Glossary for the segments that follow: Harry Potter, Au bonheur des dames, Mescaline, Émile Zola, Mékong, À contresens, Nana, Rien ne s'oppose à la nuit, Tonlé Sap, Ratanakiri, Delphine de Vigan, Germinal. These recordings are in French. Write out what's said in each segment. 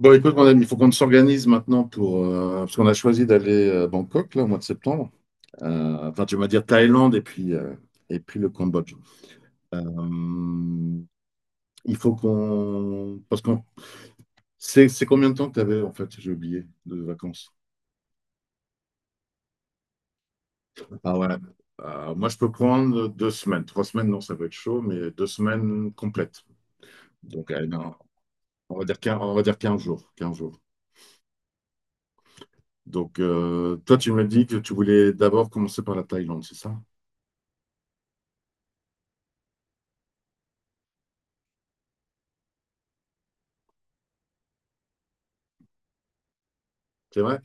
Bon, écoute, mon ami, il faut qu'on s'organise maintenant pour, parce qu'on a choisi d'aller à Bangkok, là, au mois de septembre. Enfin, tu vas dire Thaïlande et puis le Cambodge. Euh, il faut qu'on. Parce qu'on. C'est combien de temps que tu avais, en fait, j'ai oublié, de vacances? Ah ouais. Moi, je peux prendre deux semaines. Trois semaines, non, ça va être chaud, mais deux semaines complètes. Donc, allez, non, on va dire 15, on va dire 15 jours, 15 jours. Donc, toi, tu me dis que tu voulais d'abord commencer par la Thaïlande, c'est ça? C'est vrai.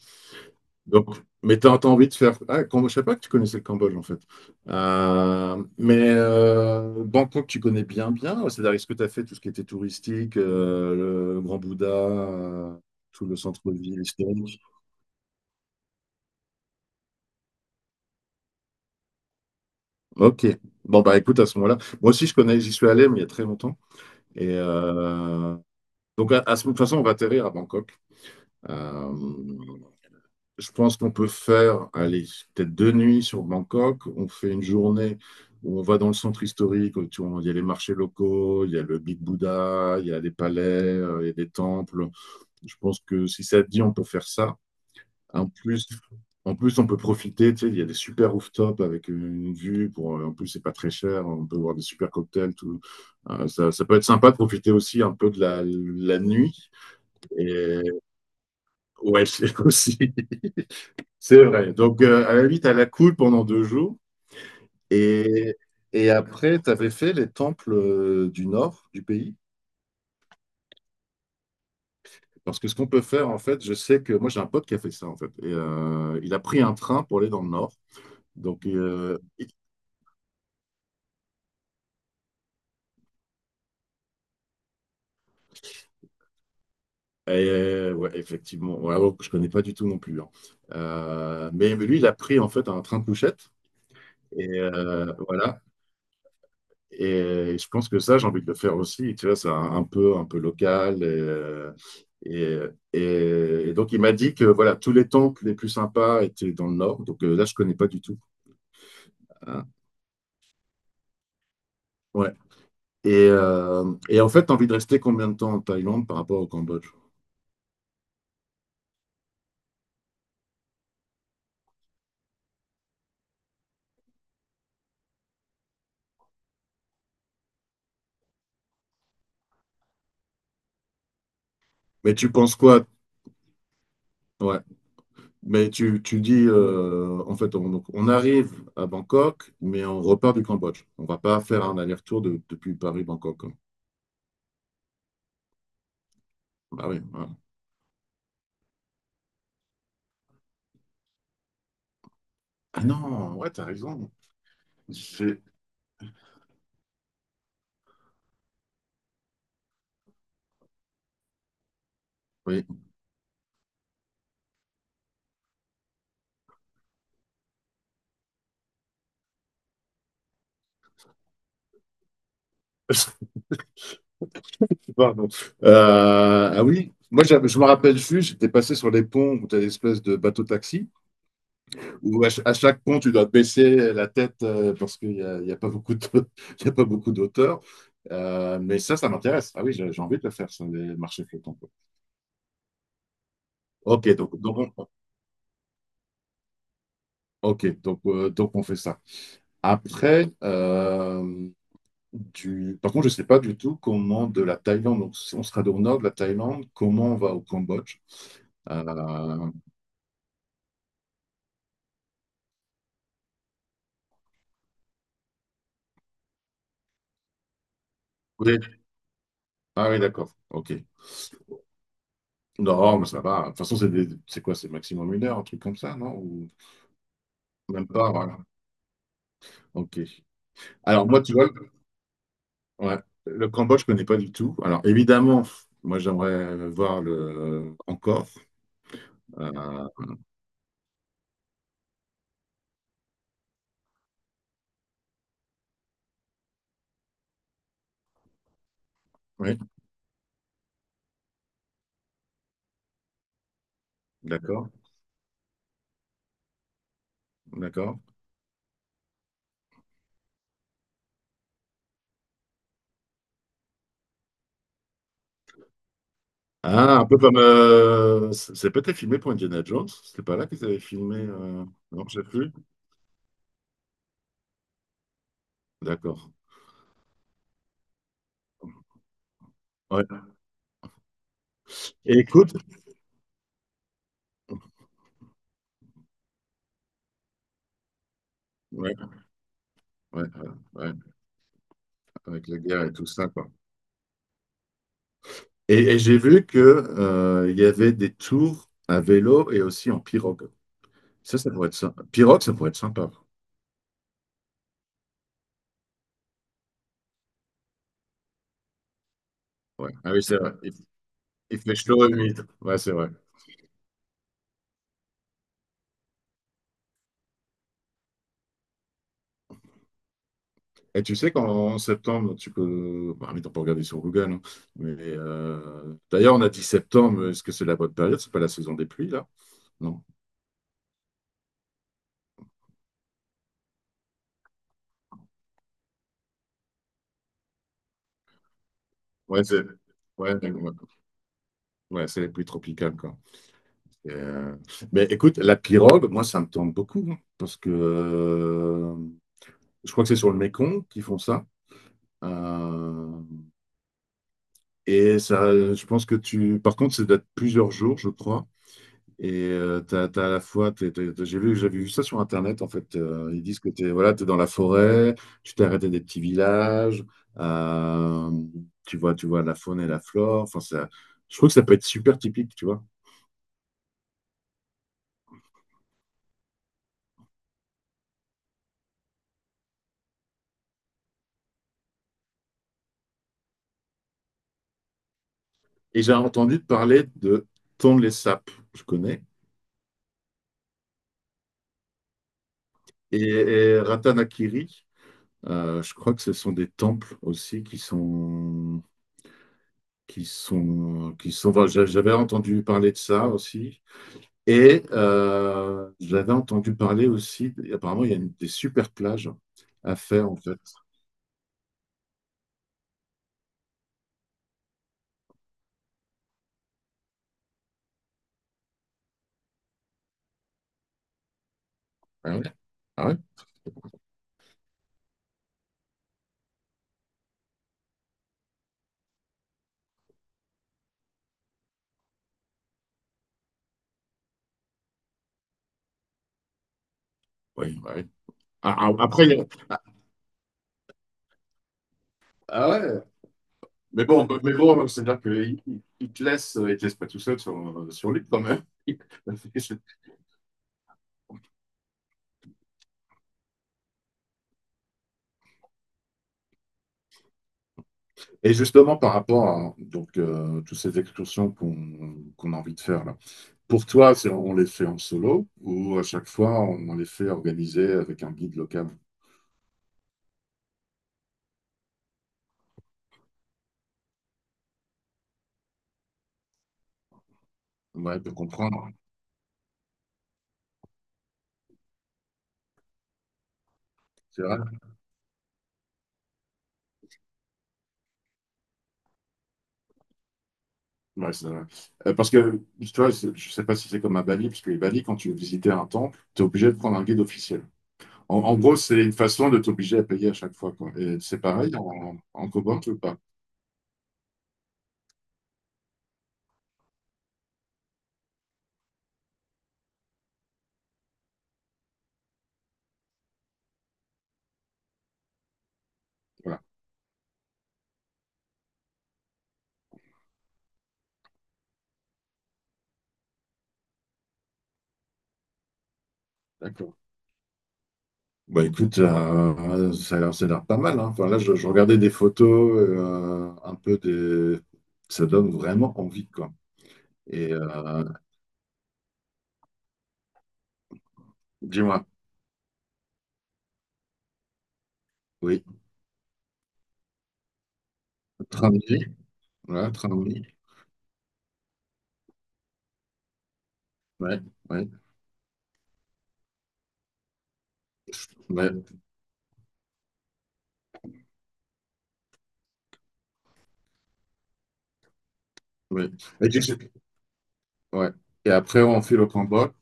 Donc, mais t'as envie de faire. Ah, je savais pas que tu connaissais le Cambodge en fait. Mais Bangkok, tu connais bien, bien. C'est-à-dire, est-ce que tu as fait tout ce qui était touristique, le Grand Bouddha, tout le centre-ville historique? Ok. Bon, bah écoute, à ce moment-là, moi aussi je connais, j'y suis allé, mais il y a très longtemps. Et donc, de toute façon, on va atterrir à Bangkok. Euh, Je pense qu'on peut faire, allez, peut-être deux nuits sur Bangkok. On fait une journée où on va dans le centre historique, où tu vois, il y a les marchés locaux, il y a le Big Buddha, il y a des palais, il y a des temples. Je pense que si ça te dit, on peut faire ça. En plus, en plus, on peut profiter. Tu sais, il y a des super rooftops avec une vue. En plus, c'est pas très cher. On peut boire des super cocktails. Tout. Ça peut être sympa de profiter aussi un peu de la nuit. Et ouais, aussi. C'est vrai. Donc, à la limite, à la cool pendant deux jours. Et, et après, tu avais fait les temples du nord du pays. Parce que ce qu'on peut faire, en fait, je sais que moi, j'ai un pote qui a fait ça, en fait. Et il a pris un train pour aller dans le nord. Donc, euh, et- ouais, effectivement. Ouais, alors que je connais pas du tout non plus, hein. Mais lui, il a pris, en fait, un train de couchette. Et voilà. Et je pense que ça, j'ai envie de le faire aussi. Tu vois, c'est un peu local. Et, et donc, il m'a dit que voilà, tous les temples les plus sympas étaient dans le nord. Donc, là, je connais pas du tout, hein. Ouais. Et en fait, tu as envie de rester combien de temps en Thaïlande par rapport au Cambodge? Mais tu penses quoi? Ouais. Mais tu dis, en fait, donc, on arrive à Bangkok, mais on repart du Cambodge. On va pas faire un aller-retour depuis Paris-Bangkok, hein. Bah oui. Voilà. Ah non, ouais, t'as raison. J'ai- Oui. Pardon. Ah oui, moi je me rappelle juste, j'étais passé sur les ponts où tu as l'espèce de bateau-taxi, où à chaque pont tu dois baisser la tête, parce qu'il y a pas beaucoup de, il y a pas beaucoup d'auteurs. Mais ça m'intéresse. Ah oui, j'ai envie de le faire sur les marchés flottants, quoi. Ok, donc on fait ça. Après, par contre, je ne sais pas du tout comment de la Thaïlande, donc si on sera au nord de la Thaïlande, comment on va au Cambodge. Euh, Ah oui, d'accord. Ok. Non, oh, mais ça va. De toute façon, c'est quoi? C'est maximum une heure, un truc comme ça, non? Ou même pas, voilà. Ok. Alors, moi, tu vois, ouais, le Cambodge, je connais pas du tout. Alors, évidemment, moi, j'aimerais voir le encore. Euh, oui, d'accord, d'accord. Ah, un peu comme. C'est peut-être filmé pour Indiana Jones. C'était pas là qu'ils avaient filmé. Non, je sais plus. D'accord. Ouais. Et écoute, ouais, ouais, ouais, ouais, avec la guerre et tout ça, quoi. Et j'ai vu que, il y avait des tours à vélo et aussi en pirogue. Ça pourrait être sympa. Pirogue, ça pourrait être sympa. Ouais. Ah oui, c'est vrai. Il fait chaud et humide. Ouais, c'est vrai. Et tu sais qu'en septembre, tu peux. Bah, mais on peut regarder sur Google, hein. Mais d'ailleurs, on a dit septembre. Est-ce que c'est la bonne période? C'est pas la saison des pluies, là? Non. Ouais, c'est. Ouais, d'accord. Ouais, c'est les pluies tropicales, quoi. Et, euh, Mais écoute, la pirogue, moi, ça me tente beaucoup, hein, parce que je crois que c'est sur le Mékong qu'ils font ça. Euh, et ça, je pense que tu. Par contre, ça date plusieurs jours, je crois. Et t'as à la fois, j'avais vu ça sur Internet, en fait. Ils disent que t'es, voilà, t'es dans la forêt, tu t'es arrêté des petits villages, euh, tu vois la faune et la flore. Enfin, ça, je trouve que ça peut être super typique, tu vois. Et j'ai entendu parler de Tonlé Sap, je connais, et Ratanakiri. Je crois que ce sont des temples aussi qui sont. Voilà, j'avais entendu parler de ça aussi. Et j'avais entendu parler aussi. Apparemment, il y a des super plages à faire en fait. Ah ouais? Ah ouais? Oui, bah oui. Ah, ah, après, ah, ah ouais. Mais bon, bah, mais bon, c'est-à-dire qu'ils te laissent pas tout seul sur l'île quand même. Et justement, par rapport à donc, toutes ces excursions qu'on a envie de faire là. Pour toi, on les fait en solo ou à chaque fois les fait organiser avec un guide local? Ouais, pour comprendre. C'est vrai? Ouais, c'est vrai. Parce que, tu vois, je sais pas si c'est comme à Bali, parce que les Bali, quand tu veux visiter un temple, tu es obligé de prendre un guide officiel. En gros, c'est une façon de t'obliger à payer à chaque fois, quoi. Et c'est pareil en, Cobalt ou pas? Voilà, d'accord. Bah écoute, ça a l'air pas mal, hein. Enfin, là, je regardais des photos, un peu des... Ça donne vraiment envie, quoi. Et euh, Dis-moi. Oui, Tramway, voilà, Tramway, ouais, ouais, ouais, ouais. Et, ouais. Et après, on fait le combat.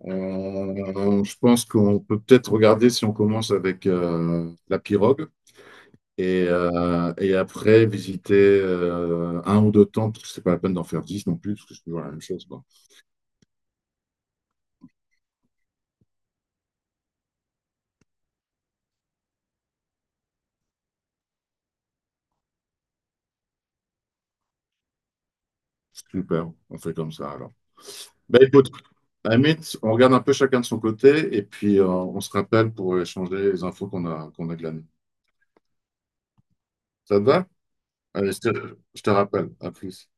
Je pense qu'on peut peut-être regarder si on commence avec la pirogue et après visiter un ou deux tentes, parce que c'est pas la peine d'en faire dix non plus, parce que c'est toujours la même chose, quoi. Super, on fait comme ça alors. Ben écoute, à on regarde un peu chacun de son côté et puis on se rappelle pour échanger les infos qu'on a glanées. Ça te va? Allez, je te rappelle. À plus.